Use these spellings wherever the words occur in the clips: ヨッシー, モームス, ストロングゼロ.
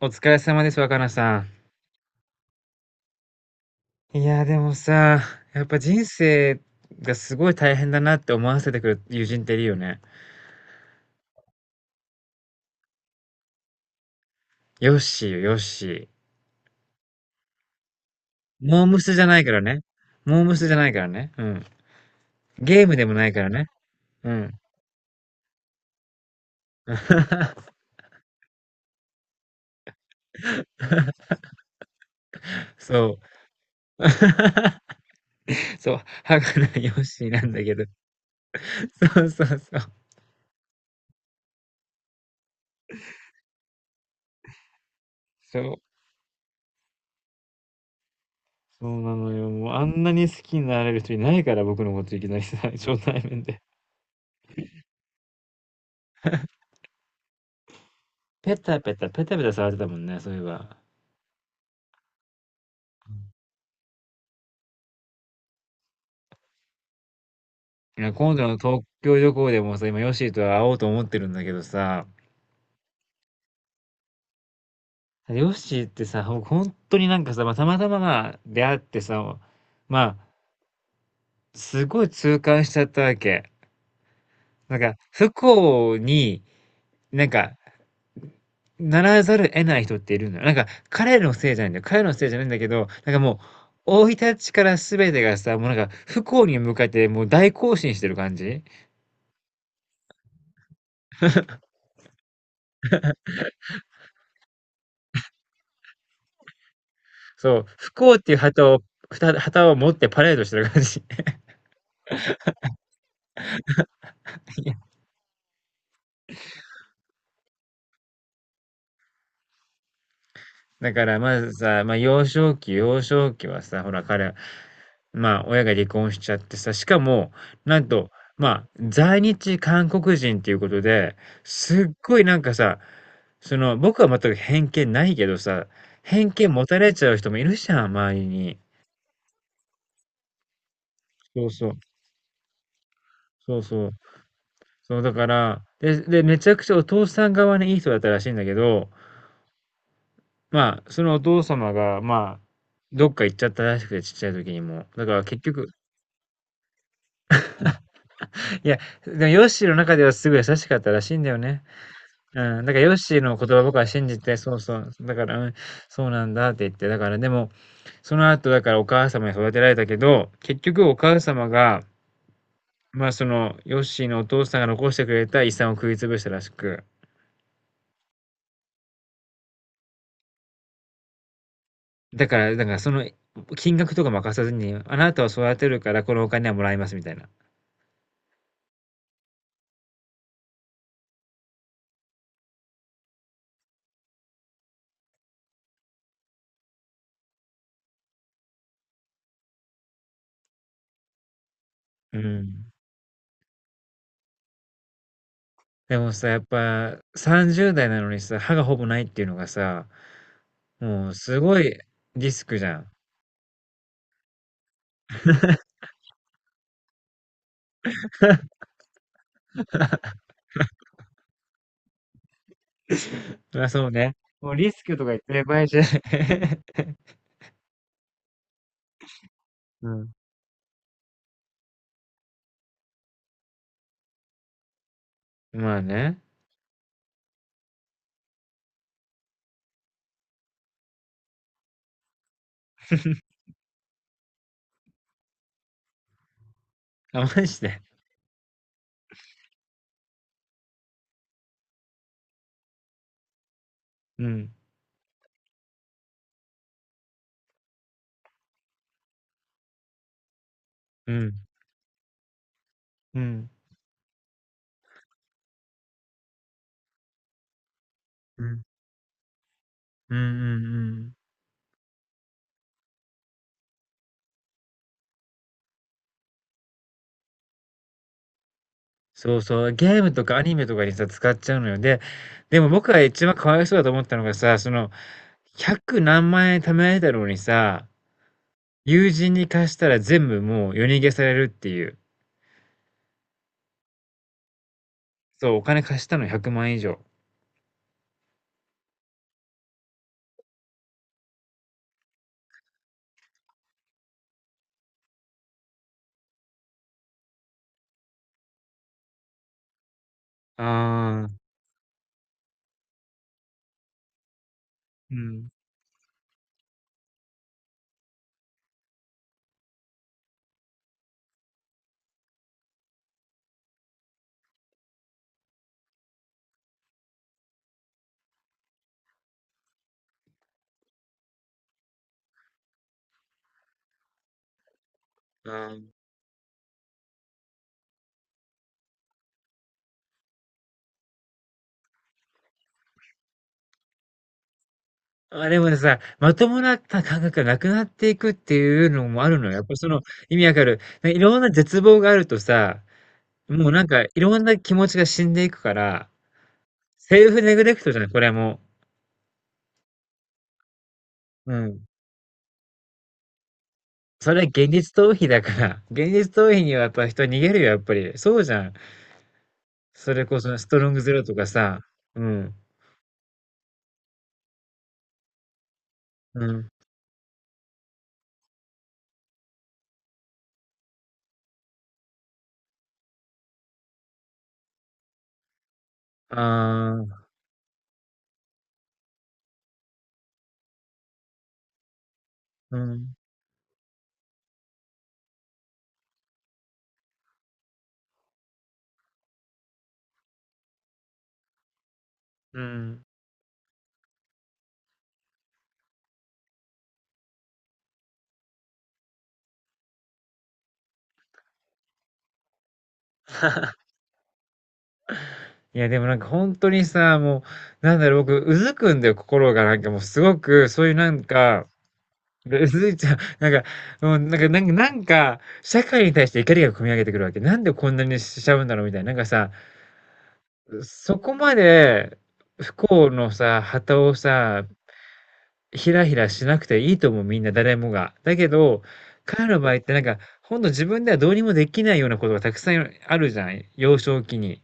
お疲れ様です、若菜さん。いや、でもさ、やっぱ人生がすごい大変だなって思わせてくる友人っているよね。ヨッシーよ、ヨッシー。モームスじゃないからね。モームスじゃないからね。うん。ゲームでもないからね。うん。そう。そう、はかなヨッシーなんだけど。そうそうそう。そう。そうなのよ。もうあんなに好きになれる人いないから、僕のこといきなりさ、初対面で。ペタペタ、ペタペタ触ってたもんね、そういえば。いや、今度の東京旅行でもさ、今、ヨッシーと会おうと思ってるんだけどさ、ヨッシーってさ、本当になんかさ、まあ、たまたままあ出会ってさ、まあ、すごい痛感しちゃったわけ。なんか、不幸に、なんか、ならざるを得ない人っているんだよ。なんか、彼のせいじゃないんだよ。彼のせいじゃないんだけど、なんかもう、生い立ちから全てがさ、もうなんか、不幸に向かってもう大行進してる感じ、そう、不幸っていう旗を、旗を持ってパレードしてる感じ。だからまずさ、まあ幼少期、幼少期はさ、ほら彼は、まあ親が離婚しちゃってさ、しかも、なんと、まあ在日韓国人っていうことで、すっごいなんかさ、その僕は全く偏見ないけどさ、偏見持たれちゃう人もいるじゃん、周りに。そうそう、そうそう。そうだから、で、めちゃくちゃお父さん側にいい人だったらしいんだけど、まあ、そのお父様が、まあ、どっか行っちゃったらしくて、ちっちゃい時にも。だから結局、いや、でもヨッシーの中ではすごい優しかったらしいんだよね。うん、だからヨッシーの言葉僕は信じて、そうそう、だから、うん、そうなんだって言って、だからでも、その後だからお母様に育てられたけど、結局お母様が、まあその、ヨッシーのお父さんが残してくれた遺産を食い潰したらしく、だからその金額とか任さずに、あなたを育てるからこのお金はもらいますみたいな。うん。でもさ、やっぱ30代なのにさ、歯がほぼないっていうのがさ、もうすごいリスクじゃん。あ、そうね。もうリスクとか言ってる場合じゃない。うん。まあね。あ、マジで。うん。うん。うん。うん。うんうんうん。そうそう。ゲームとかアニメとかにさ、使っちゃうのよ。で、でも僕が一番かわいそうだと思ったのがさ、その、100何万円貯められたのにさ、友人に貸したら全部もう夜逃げされるっていう。そう、お金貸したの100万以上。ああ、うん。ああ。あ、でもさ、まともな感覚がなくなっていくっていうのもあるのよ。やっぱその、意味わかる。ね、いろんな絶望があるとさ、もうなんかいろんな気持ちが死んでいくから、セルフネグレクトじゃない、これも。うん。それは現実逃避だから、現実逃避にはやっぱ人逃げるよ、やっぱり。そうじゃん。それこそストロングゼロとかさ。うん。うん。ああ、うん。うん。いや、でもなんか本当にさ、もう、なんだろう、僕、うずくんだよ、心が。なんかもうすごく、そういうなんか、うずいちゃう。なんか、もうなんか、社会に対して怒りが込み上げてくるわけ。なんでこんなにしちゃうんだろうみたいな。なんかさ、そこまで不幸のさ、旗をさ、ひらひらしなくていいと思う、みんな、誰もが。だけど、彼の場合ってなんか、ほんと自分ではどうにもできないようなことがたくさんあるじゃん。幼少期に。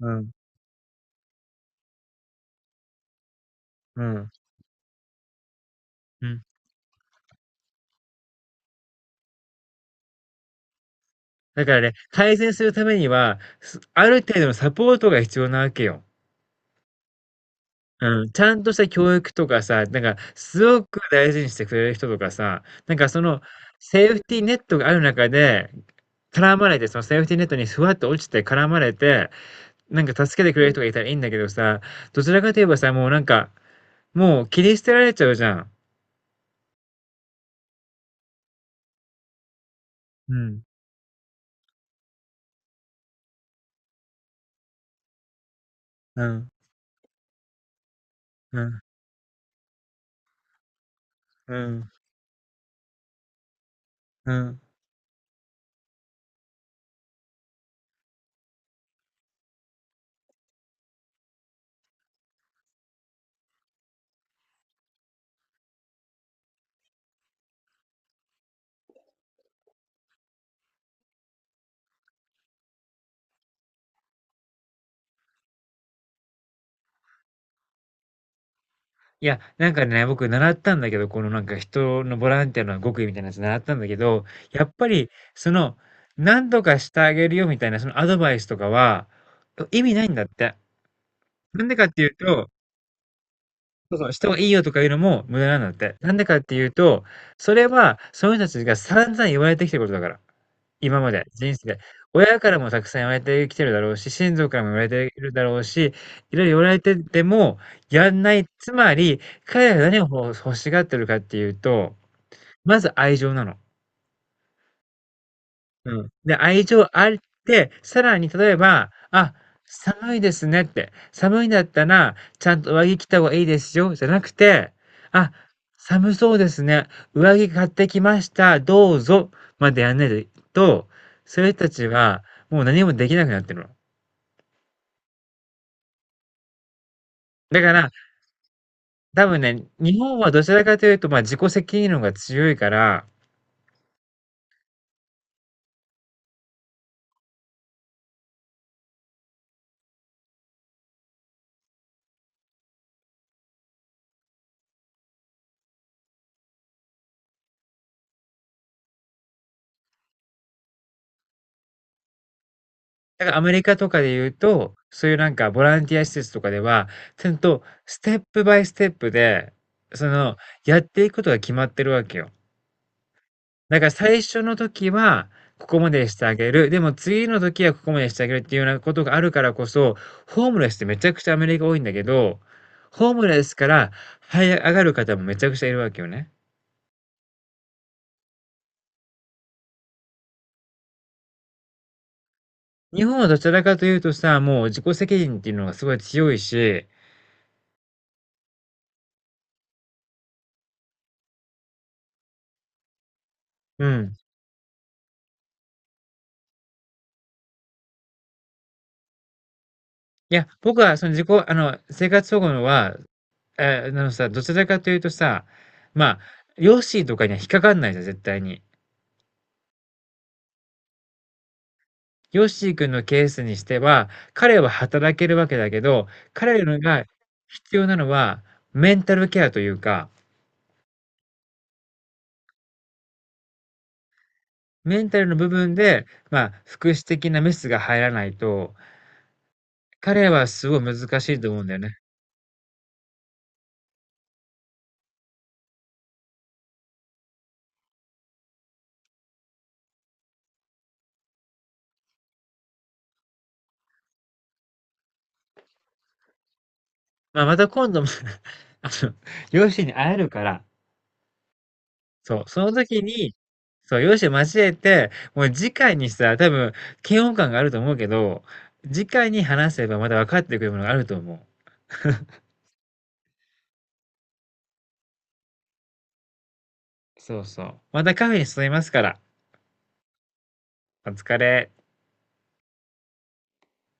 うん。うん。うん。だからね、改善するためには、ある程度のサポートが必要なわけよ。うん、ちゃんとした教育とかさ、なんかすごく大事にしてくれる人とかさ、なんかそのセーフティーネットがある中で、絡まれて、そのセーフティーネットにふわっと落ちて絡まれて、なんか助けてくれる人がいたらいいんだけどさ、どちらかといえばさ、もうなんか、もう切り捨てられちゃうじゃん。うん、うん、うん、うん、うん。いや、なんかね、僕習ったんだけど、このなんか人のボランティアの極意みたいなやつ習ったんだけど、やっぱり、その、何とかしてあげるよみたいな、そのアドバイスとかは、意味ないんだって。なんでかっていうと、そうそう、してもいいよとかいうのも無駄なんだって。なんでかっていうと、それはその人たちが散々言われてきたことだから。今まで、人生で。親からもたくさん言われてきてるだろうし、親族からも言われているだろうし、いろいろ言われててもやんない。つまり、彼らが何を欲しがってるかっていうと、まず愛情なの。うん。で、愛情あって、さらに例えば、あ、寒いですねって、寒いんだったら、ちゃんと上着着た方がいいですよ、じゃなくて、あ、寒そうですね、上着買ってきました、どうぞ、までやんないと、そういう人たちは、もう何もできなくなってるの。だから、多分ね、日本はどちらかというと、まあ、自己責任論が強いから、だからアメリカとかで言うと、そういうなんかボランティア施設とかでは、ちゃんとステップバイステップで、その、やっていくことが決まってるわけよ。だから最初の時は、ここまでしてあげる。でも次の時はここまでしてあげるっていうようなことがあるからこそ、ホームレスってめちゃくちゃアメリカ多いんだけど、ホームレスから這い上がる方もめちゃくちゃいるわけよね。日本はどちらかというとさ、もう自己責任っていうのがすごい強いし、うん。いや、僕はその自己あの、生活保護のはえー、なのさ、どちらかというとさ、まあ、ヨッシーとかには引っかかんないじゃん、絶対に。ヨッシー君のケースにしては、彼は働けるわけだけど、彼らが必要なのは、メンタルケアというか、メンタルの部分で、まあ、福祉的なメスが入らないと、彼はすごい難しいと思うんだよね。まあ、また今度も あの、ヨッシーに会えるから、そう、その時に、そう、容姿を交えて、もう次回にしたら多分嫌悪感があると思うけど、次回に話せばまた分かってくるものがあると思う。そうそう。またカフェに誘いますから。お疲れ。